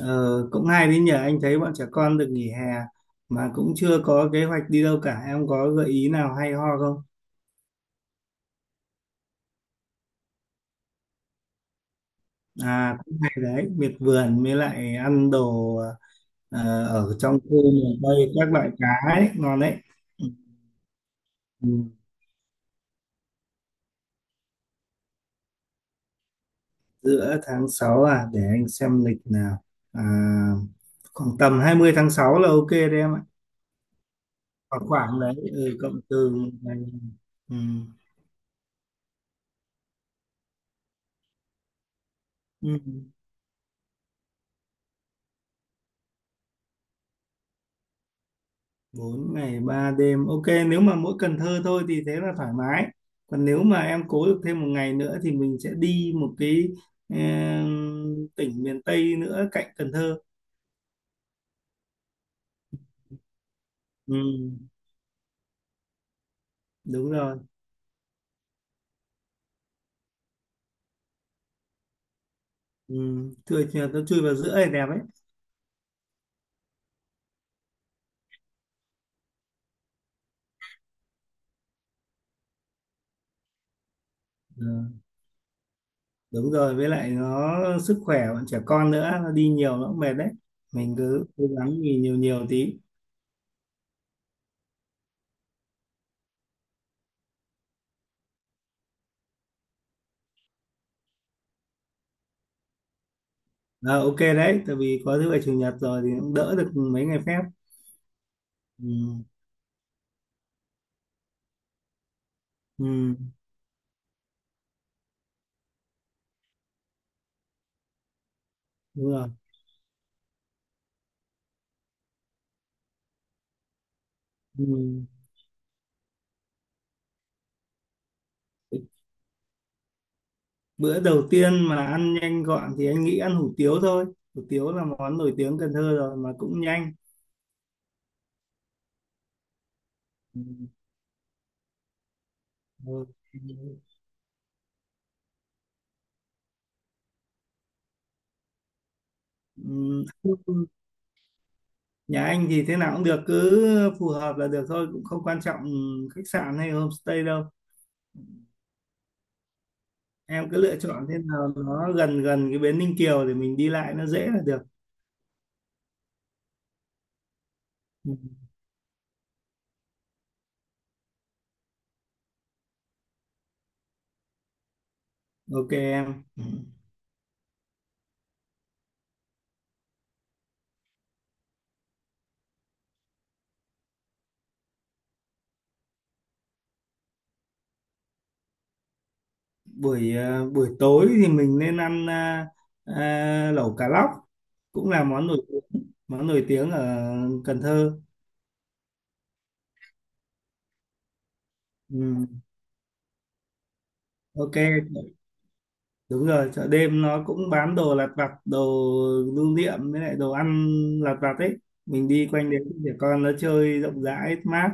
Ờ, cũng hay đấy nhỉ. Anh thấy bọn trẻ con được nghỉ hè mà cũng chưa có kế hoạch đi đâu cả, em có gợi ý nào hay ho không? À, cũng hay đấy, miệt vườn với lại ăn đồ. ờ, Ở trong khu miền Tây các loại cá ấy ngon đấy. Ừ. Giữa tháng 6 à, để anh xem lịch nào. À, khoảng tầm 20 tháng 6 là ok đấy em ạ. Khoảng khoảng đấy, ừ, cộng từ ngày. Ừ. Ừ. 4 ngày 3 đêm ok. Nếu mà mỗi Cần Thơ thôi thì thế là thoải mái, còn nếu mà em cố được thêm một ngày nữa thì mình sẽ đi một cái em, tỉnh miền Tây nữa cạnh Cần Thơ. Ừ, đúng rồi. Ừ, chui nó chui vào giữa thì đẹp ấy. Ừ, đúng rồi, với lại nó sức khỏe bọn trẻ con nữa, nó đi nhiều nó cũng mệt đấy. Mình cứ cố gắng nghỉ nhiều nhiều tí. À, ok đấy, tại vì có thứ bảy chủ nhật rồi thì cũng đỡ được mấy ngày phép. Ừ, ừ, đúng rồi. Ừ. Bữa đầu tiên mà ăn nhanh gọn thì anh nghĩ ăn hủ tiếu thôi, hủ tiếu là món nổi tiếng Cần Thơ rồi mà cũng nhanh. Ừ. Ừ. Ừm, nhà anh thì thế nào cũng được, cứ phù hợp là được thôi, cũng không quan trọng khách sạn hay homestay đâu. Em cứ lựa chọn thế nào nó gần gần cái bến Ninh Kiều để mình đi lại nó dễ là được. Ừ. Ok em. Ừ. Buổi tối thì mình nên ăn, lẩu cá lóc cũng là món nổi tiếng, món nổi tiếng ở Cần Thơ. Ừ, ok. Đúng rồi, chợ đêm nó cũng bán đồ lặt vặt, đồ lưu niệm với lại đồ ăn lặt vặt ấy, mình đi quanh đấy để con nó chơi rộng rãi mát.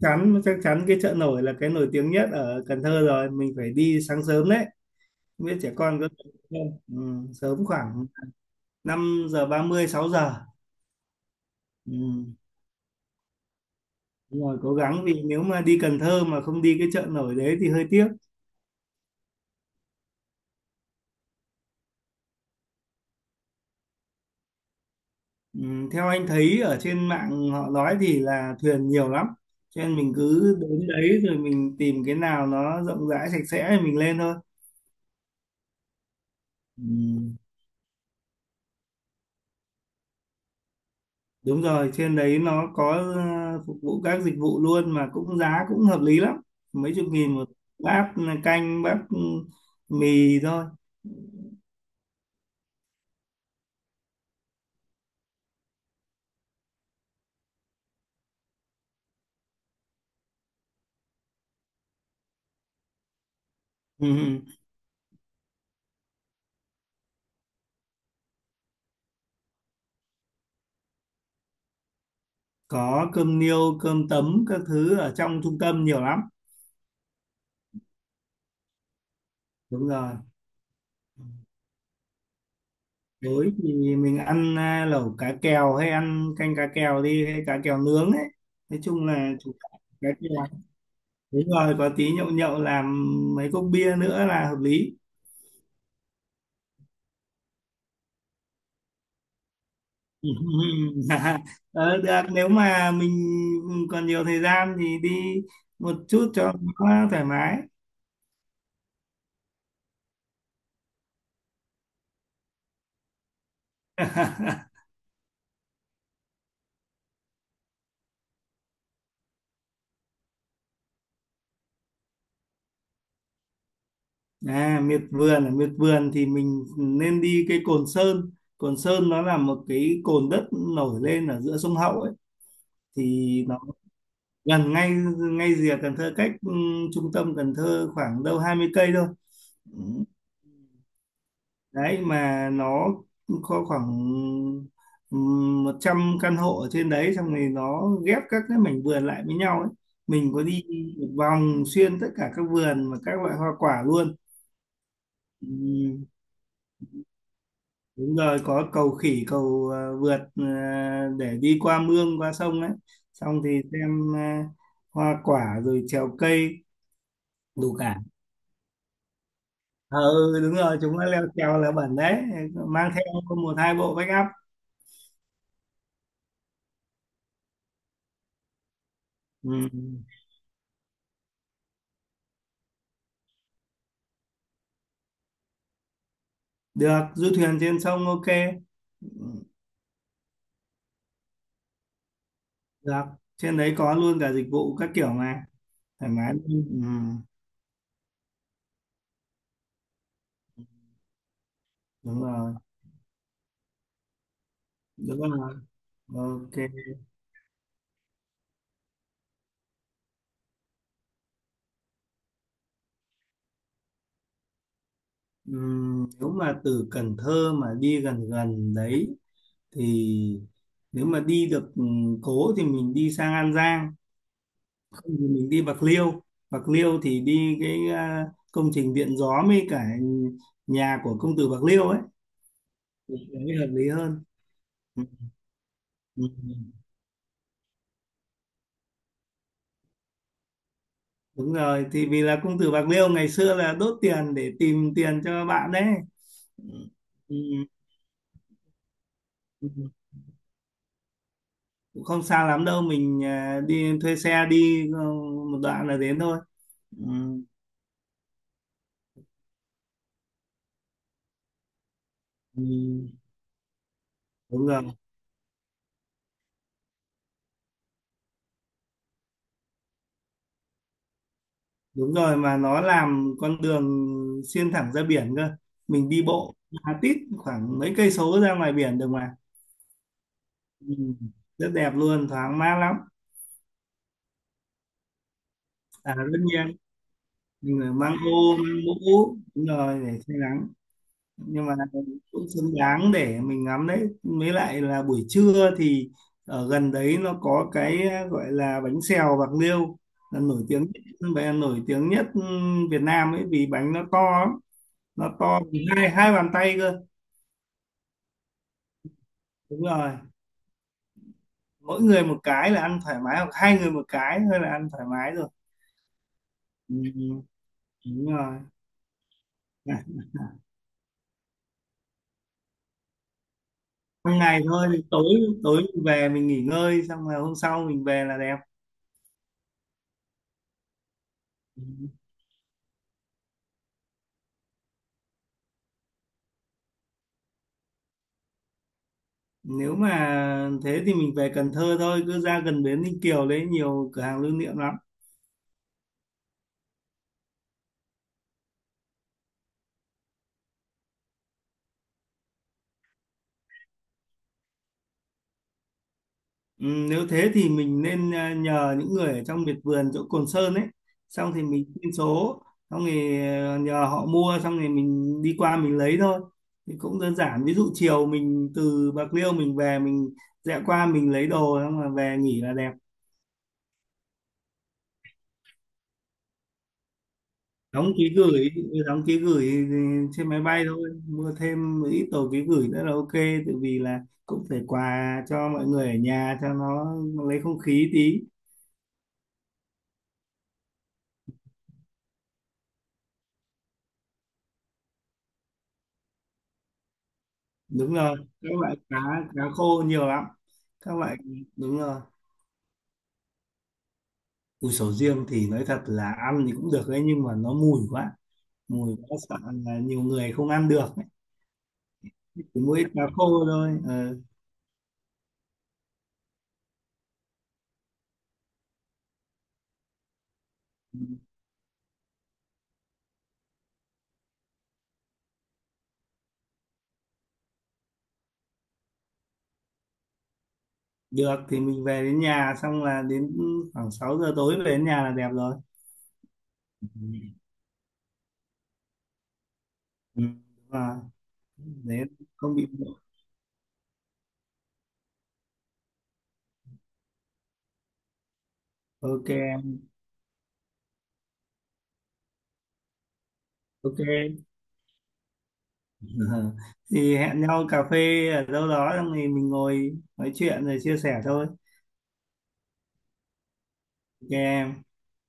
Chắc chắn cái chợ nổi là cái nổi tiếng nhất ở Cần Thơ rồi, mình phải đi sáng sớm đấy, không biết trẻ con có được không. Ừ, sớm khoảng 5:30 6 giờ. Ừ. Đúng rồi, cố gắng, vì nếu mà đi Cần Thơ mà không đi cái chợ nổi đấy thì hơi tiếc. Ừ, theo anh thấy ở trên mạng họ nói thì là thuyền nhiều lắm, cho nên mình cứ đến đấy rồi mình tìm cái nào nó rộng rãi sạch sẽ thì mình lên thôi. Ừ, đúng rồi, trên đấy nó có phục vụ các dịch vụ luôn mà cũng giá cũng hợp lý lắm, mấy chục nghìn một bát canh, bát mì thôi. Ừ, có cơm niêu cơm tấm các thứ ở trong trung tâm nhiều lắm. Đúng rồi. Tối thì mình ăn, lẩu cá kèo hay ăn canh cá kèo đi, hay cá kèo nướng ấy. Nói chung là chủ đạo cá kèo. Đúng rồi, có tí nhậu nhậu làm mấy cốc bia nữa là hợp lý. Ờ, được, nếu mà mình còn nhiều thời gian thì đi một chút cho nó thoải mái. À, miệt vườn, ở miệt vườn thì mình nên đi cái Cồn Sơn. Cồn Sơn nó là một cái cồn đất nổi lên ở giữa sông Hậu ấy, thì nó gần ngay, rìa Cần Thơ, cách trung tâm Cần Thơ khoảng đâu 20 cây thôi. Ừ. Đấy, mà nó có khoảng 100 căn hộ ở trên đấy, xong rồi nó ghép các cái mảnh vườn lại với nhau ấy, mình có đi một vòng xuyên tất cả các vườn và các loại hoa quả luôn. Ừ, đúng rồi, có cầu khỉ, cầu vượt để đi qua mương qua sông ấy, xong thì xem hoa quả rồi trèo cây. Đủ cả. Ờ, ừ, đúng rồi, chúng nó leo trèo là bẩn đấy, mang theo một hai bộ backup. Ừ. Được, du thuyền trên sông ok. Ừ. Được, trên đấy có luôn cả dịch vụ các kiểu mà, thoải mái luôn. Ừ. Đúng rồi. Đúng rồi. Ok. Ừ. Nếu mà từ Cần Thơ mà đi gần gần đấy thì, nếu mà đi được cố thì mình đi sang An Giang, mình đi Bạc Liêu. Bạc Liêu thì đi cái, công trình điện gió với cả nhà của công tử Bạc Liêu ấy mới hợp lý hơn. Ừ. Ừ. Ừ. Đúng rồi, thì vì là công tử Bạc Liêu ngày xưa là đốt tiền để tìm tiền cho bạn đấy. Ừ. Ừ. Ừ. Cũng không xa lắm đâu, mình đi thuê xe đi một đoạn là đến thôi. Ừ. Ừ. Đúng rồi. Đúng rồi, mà nó làm con đường xuyên thẳng ra biển cơ, mình đi bộ ra tít khoảng mấy cây số ra ngoài biển được mà. Ừ. Rất đẹp luôn, thoáng mát lắm. À, tất nhiên mình phải mang ô mang mũ, đúng rồi, để che nắng. Nhưng mà cũng xứng đáng để mình ngắm đấy, mới lại là buổi trưa thì ở gần đấy nó có cái gọi là bánh xèo Bạc Liêu là nổi tiếng, và nổi tiếng nhất Việt Nam ấy, vì bánh nó to lắm, nó to bằng hai hai bàn tay cơ. Đúng rồi, mỗi người một cái là ăn thoải mái, hoặc hai người một cái thôi là ăn thoải mái rồi. Ừ, ừ, đúng rồi. À, ban ngày thôi, thì tối, tối mình về mình nghỉ ngơi xong là hôm sau mình về là đẹp. Ừ. Nếu mà thế thì mình về Cần Thơ thôi, cứ ra gần bến Ninh Kiều đấy nhiều cửa hàng lưu niệm lắm. Ừ, nếu thế thì mình nên, nhờ những người ở trong miệt vườn chỗ Cồn Sơn ấy, xong thì mình xin số, xong thì nhờ họ mua, xong thì mình đi qua mình lấy thôi, thì cũng đơn giản, ví dụ chiều mình từ Bạc Liêu mình về mình rẽ qua mình lấy đồ xong là về nghỉ là đẹp. Đóng ký gửi, đóng ký gửi trên máy bay thôi, mua thêm một ít đồ ký gửi nữa là ok, tại vì là cũng phải quà cho mọi người ở nhà cho nó lấy không khí tí. Đúng rồi, các loại cá, cá khô nhiều lắm, các loại. Đúng rồi. Củ sầu riêng thì nói thật là ăn thì cũng được đấy, nhưng mà nó mùi quá, mùi quá sợ, là nhiều người không ăn được ấy. Chỉ mỗi cá khô thôi. Ờ. Được, thì mình về đến nhà xong là đến khoảng 6 giờ tối về đến nhà là đẹp rồi. Ừ. Ừ, đúng rồi. Đấy, không bị muộn. Ok em. Ok. Ờ. Thì hẹn nhau cà phê ở đâu đó xong thì mình ngồi nói chuyện rồi chia sẻ thôi. Ok em.